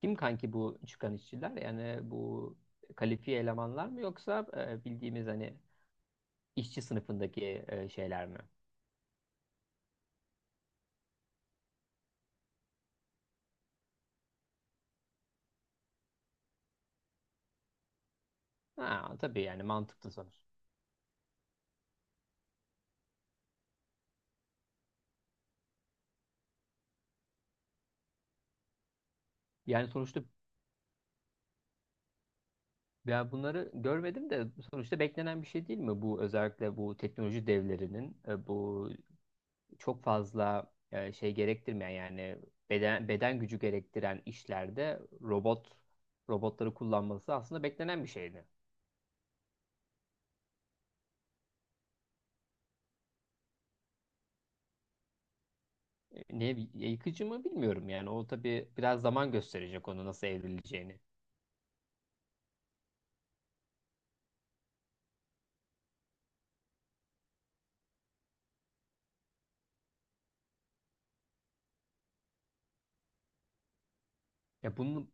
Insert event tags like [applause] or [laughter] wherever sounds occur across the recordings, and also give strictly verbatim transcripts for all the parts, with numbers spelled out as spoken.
Kim kanki bu çıkan işçiler? Yani bu kalifiye elemanlar mı yoksa e, bildiğimiz hani işçi sınıfındaki e, şeyler mi? Ha, tabii yani mantıklı sonuç. Yani sonuçta ya bunları görmedim de sonuçta beklenen bir şey değil mi? Bu özellikle bu teknoloji devlerinin e, bu çok fazla e, şey gerektirmeyen yani beden beden gücü gerektiren işlerde robot robotları kullanması aslında beklenen bir şeydi. ne yıkıcı mı bilmiyorum yani o tabii biraz zaman gösterecek onu nasıl evrileceğini. Ya bunun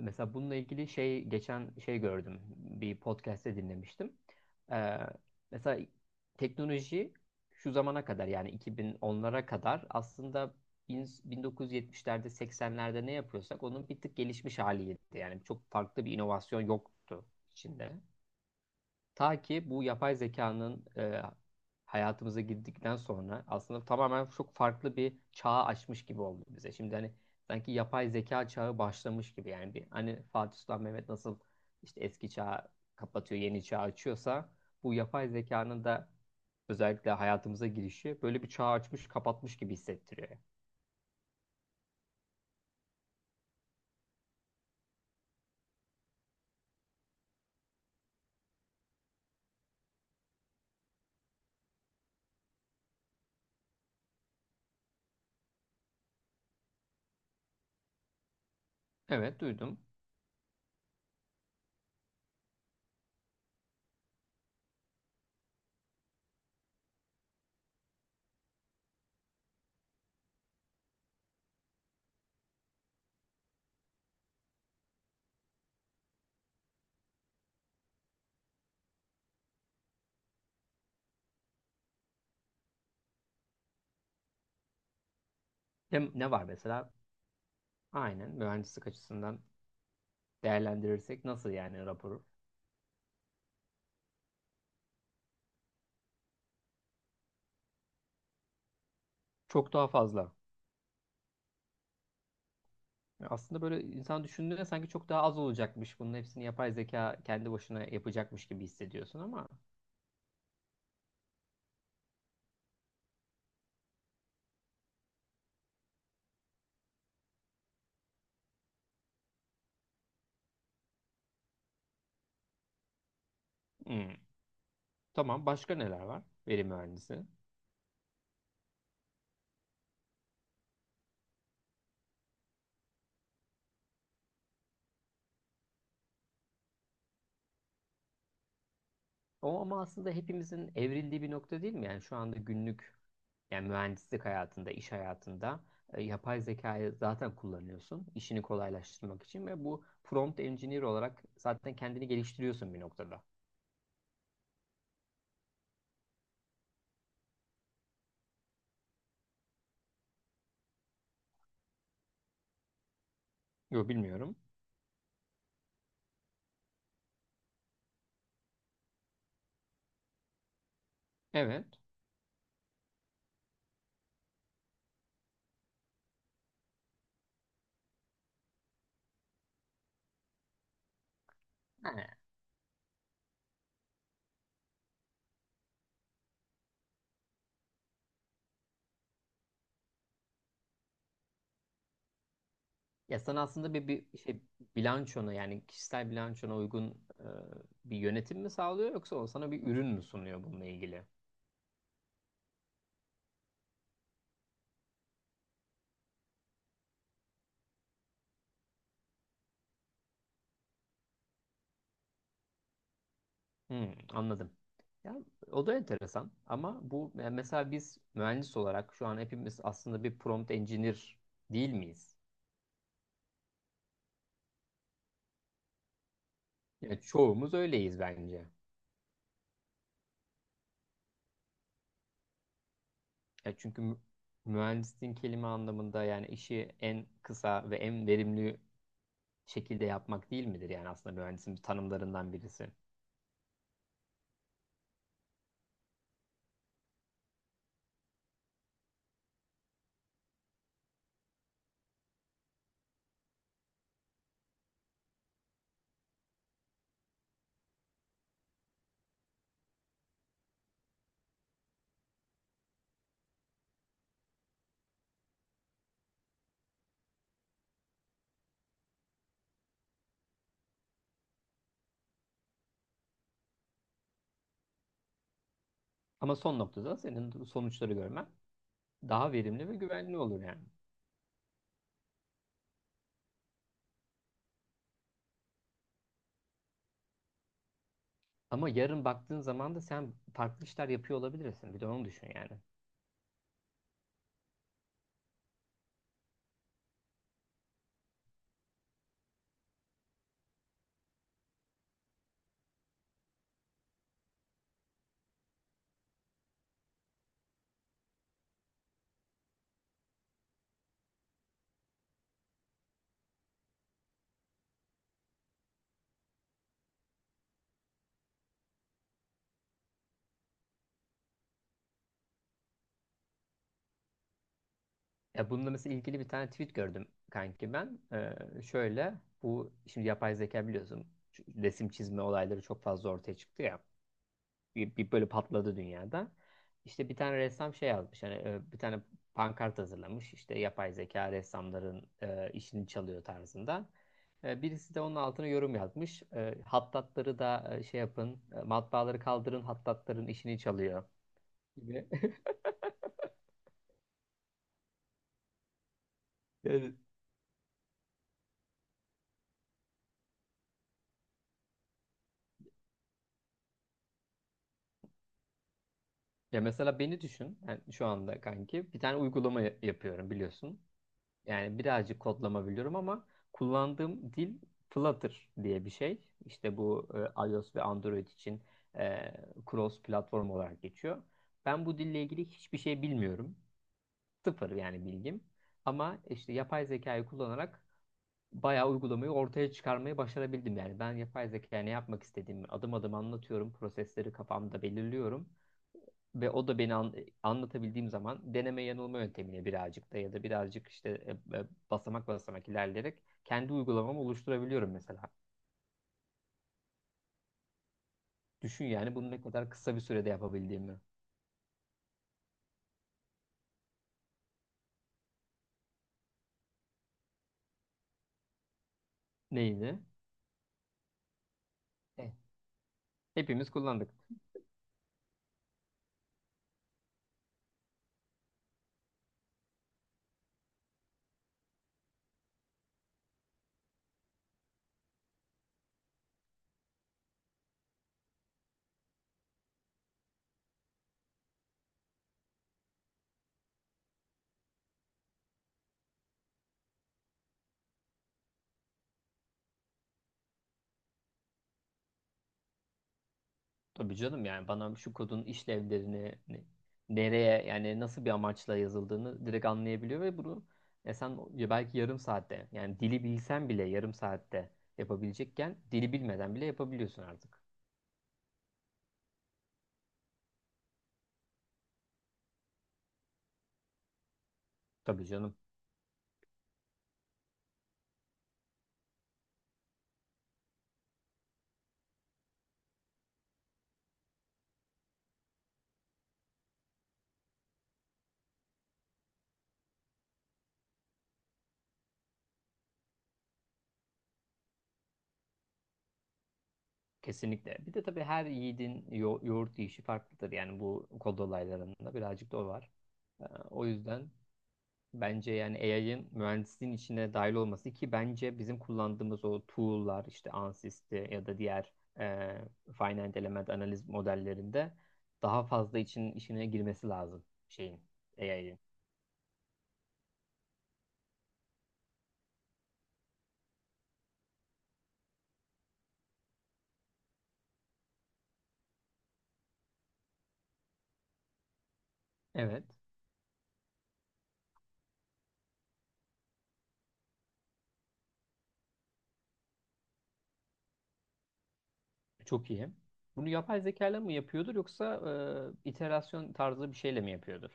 mesela bununla ilgili şey geçen şey gördüm bir podcast'te dinlemiştim. Ee, mesela teknoloji şu zamana kadar yani iki bin onlara kadar aslında ins- bin dokuz yüz yetmişlerde seksenlerde ne yapıyorsak onun bir tık gelişmiş haliydi. Yani çok farklı bir inovasyon yoktu içinde. Ta ki bu yapay zekanın e, hayatımıza girdikten sonra aslında tamamen çok farklı bir çağı açmış gibi oldu bize. Şimdi hani sanki yapay zeka çağı başlamış gibi yani bir hani Fatih Sultan Mehmet nasıl işte eski çağı kapatıyor, yeni çağı açıyorsa bu yapay zekanın da özellikle hayatımıza girişi böyle bir çağı açmış, kapatmış gibi hissettiriyor. Evet, duydum. Hem ne var mesela? Aynen, mühendislik açısından değerlendirirsek nasıl yani raporu? Çok daha fazla. Aslında böyle insan düşündüğünde sanki çok daha az olacakmış. Bunun hepsini yapay zeka kendi başına yapacakmış gibi hissediyorsun ama. Hmm. Tamam, başka neler var? Veri mühendisi. O ama aslında hepimizin evrildiği bir nokta değil mi? Yani şu anda günlük yani mühendislik hayatında, iş hayatında e, yapay zekayı zaten kullanıyorsun. İşini kolaylaştırmak için ve bu prompt engineer olarak zaten kendini geliştiriyorsun bir noktada. Yok, bilmiyorum. Evet. Ha. Ya sen aslında bir, bir şey bilançona yani kişisel bilançona uygun e, bir yönetim mi sağlıyor yoksa o sana bir ürün mü sunuyor bununla ilgili? Hmm, anladım. Ya o da enteresan ama bu yani mesela biz mühendis olarak şu an hepimiz aslında bir prompt engineer değil miyiz? Ya çoğumuz öyleyiz bence. Ya çünkü mü- mühendisliğin kelime anlamında yani işi en kısa ve en verimli şekilde yapmak değil midir? Yani aslında mühendisin tanımlarından birisi. Ama son noktada senin sonuçları görmen daha verimli ve güvenli olur yani. Ama yarın baktığın zaman da sen farklı işler yapıyor olabilirsin. Bir de onu düşün yani. Ya bununla mesela ilgili bir tane tweet gördüm kanki ben. Ee, şöyle bu şimdi yapay zeka biliyorsun şu resim çizme olayları çok fazla ortaya çıktı ya. bir, bir böyle patladı dünyada. İşte bir tane ressam şey yazmış hani e, bir tane pankart hazırlamış işte yapay zeka ressamların e, işini çalıyor tarzında. E, birisi de onun altına yorum yazmış. E, hattatları da e, şey yapın, e, matbaaları kaldırın, hattatların işini çalıyor gibi. [laughs] Evet. Ya mesela beni düşün. Yani şu anda kanki bir tane uygulama ya- yapıyorum biliyorsun. Yani birazcık kodlama biliyorum ama kullandığım dil Flutter diye bir şey. İşte bu e, iOS ve Android için e, cross platform olarak geçiyor. Ben bu dille ilgili hiçbir şey bilmiyorum. Sıfır yani bilgim. Ama işte yapay zekayı kullanarak bayağı uygulamayı ortaya çıkarmayı başarabildim. Yani ben yapay zekaya ne yapmak istediğimi adım adım anlatıyorum. Prosesleri kafamda belirliyorum. Ve o da beni an- anlatabildiğim zaman deneme yanılma yöntemiyle birazcık da ya da birazcık işte e, e, basamak basamak ilerleyerek kendi uygulamamı oluşturabiliyorum mesela. Düşün yani bunu ne kadar kısa bir sürede yapabildiğimi. Neyini? E, Hepimiz kullandık. Tabii canım, yani bana şu kodun işlevlerini ne- nereye yani nasıl bir amaçla yazıldığını direkt anlayabiliyor ve bunu e sen ya belki yarım saatte yani dili bilsen bile yarım saatte yapabilecekken dili bilmeden bile yapabiliyorsun artık. Tabii canım. Kesinlikle. Bir de tabii her yiğidin yo- yoğurt yiyişi farklıdır. Yani bu kod olaylarında birazcık da o var. Ee, o yüzden bence yani A I'ın mühendisliğin içine dahil olması ki bence bizim kullandığımız o tool'lar işte Ansys'te ya da diğer e, finite element analiz modellerinde daha fazla için işine girmesi lazım şeyin A I'ın. Evet. Çok iyi. Bunu yapay zeka ile mi yapıyordur yoksa e, iterasyon tarzı bir şeyle mi yapıyordur?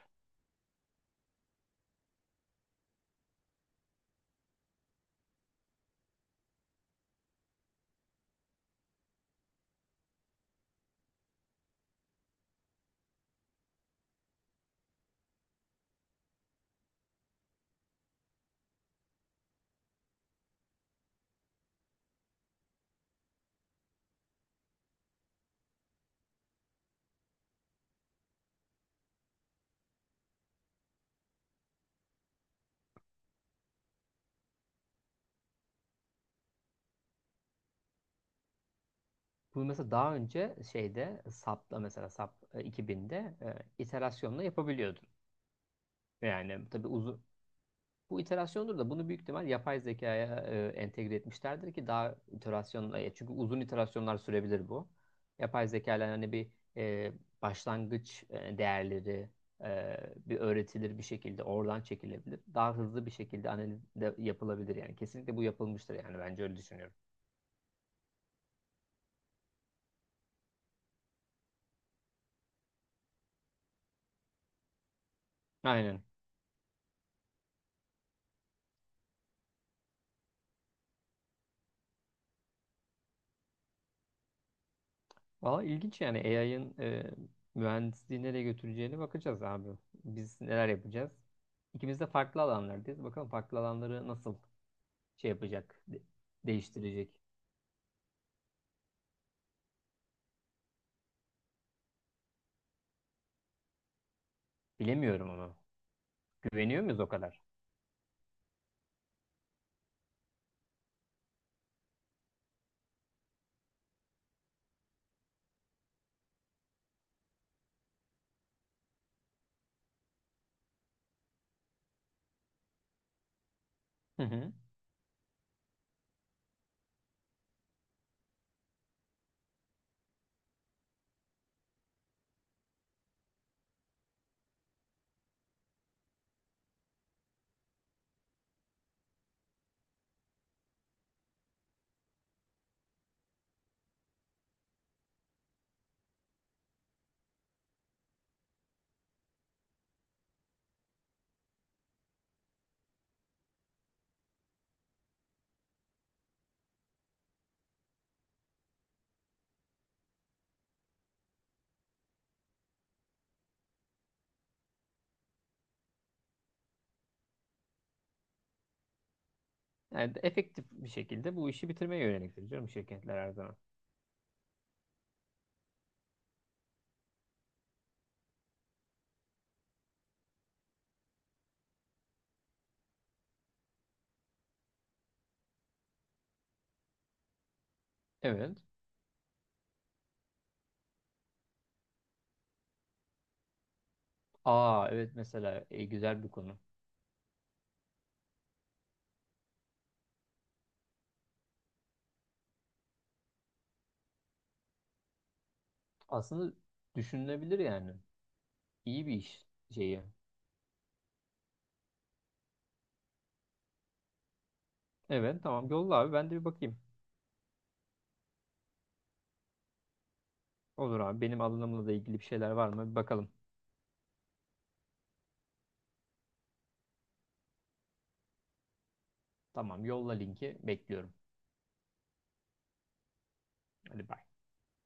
Bu mesela daha önce şeyde sapla mesela SAP e, iki binde e, iterasyonla yapabiliyordun. Yani tabii uzun bu iterasyondur da bunu büyük ihtimal yapay zekaya e, entegre etmişlerdir ki daha iterasyonla e, çünkü uzun iterasyonlar sürebilir bu. Yapay zeka ile hani bir e, başlangıç e, değerleri e, bir öğretilir bir şekilde oradan çekilebilir. Daha hızlı bir şekilde analiz de yapılabilir yani. Kesinlikle bu yapılmıştır yani bence öyle düşünüyorum. Aynen. Valla ilginç yani A I'ın mühendisliği nereye götüreceğine bakacağız abi. Biz neler yapacağız? İkimiz de farklı alanlardayız. Bakalım farklı alanları nasıl şey yapacak, de- değiştirecek. Bilemiyorum onu. Güveniyor muyuz o kadar? Hı hı. Yani de- efektif bir şekilde bu işi bitirmeye yöneliktir canım şirketler her zaman. Evet. Aa, evet, mesela e, güzel bir konu. Aslında düşünülebilir yani. İyi bir iş şeyi. Evet, tamam, yolla abi ben de bir bakayım. Olur abi, benim alanımla da ilgili bir şeyler var mı? Bir bakalım. Tamam, yolla, linki bekliyorum. Hadi, bye.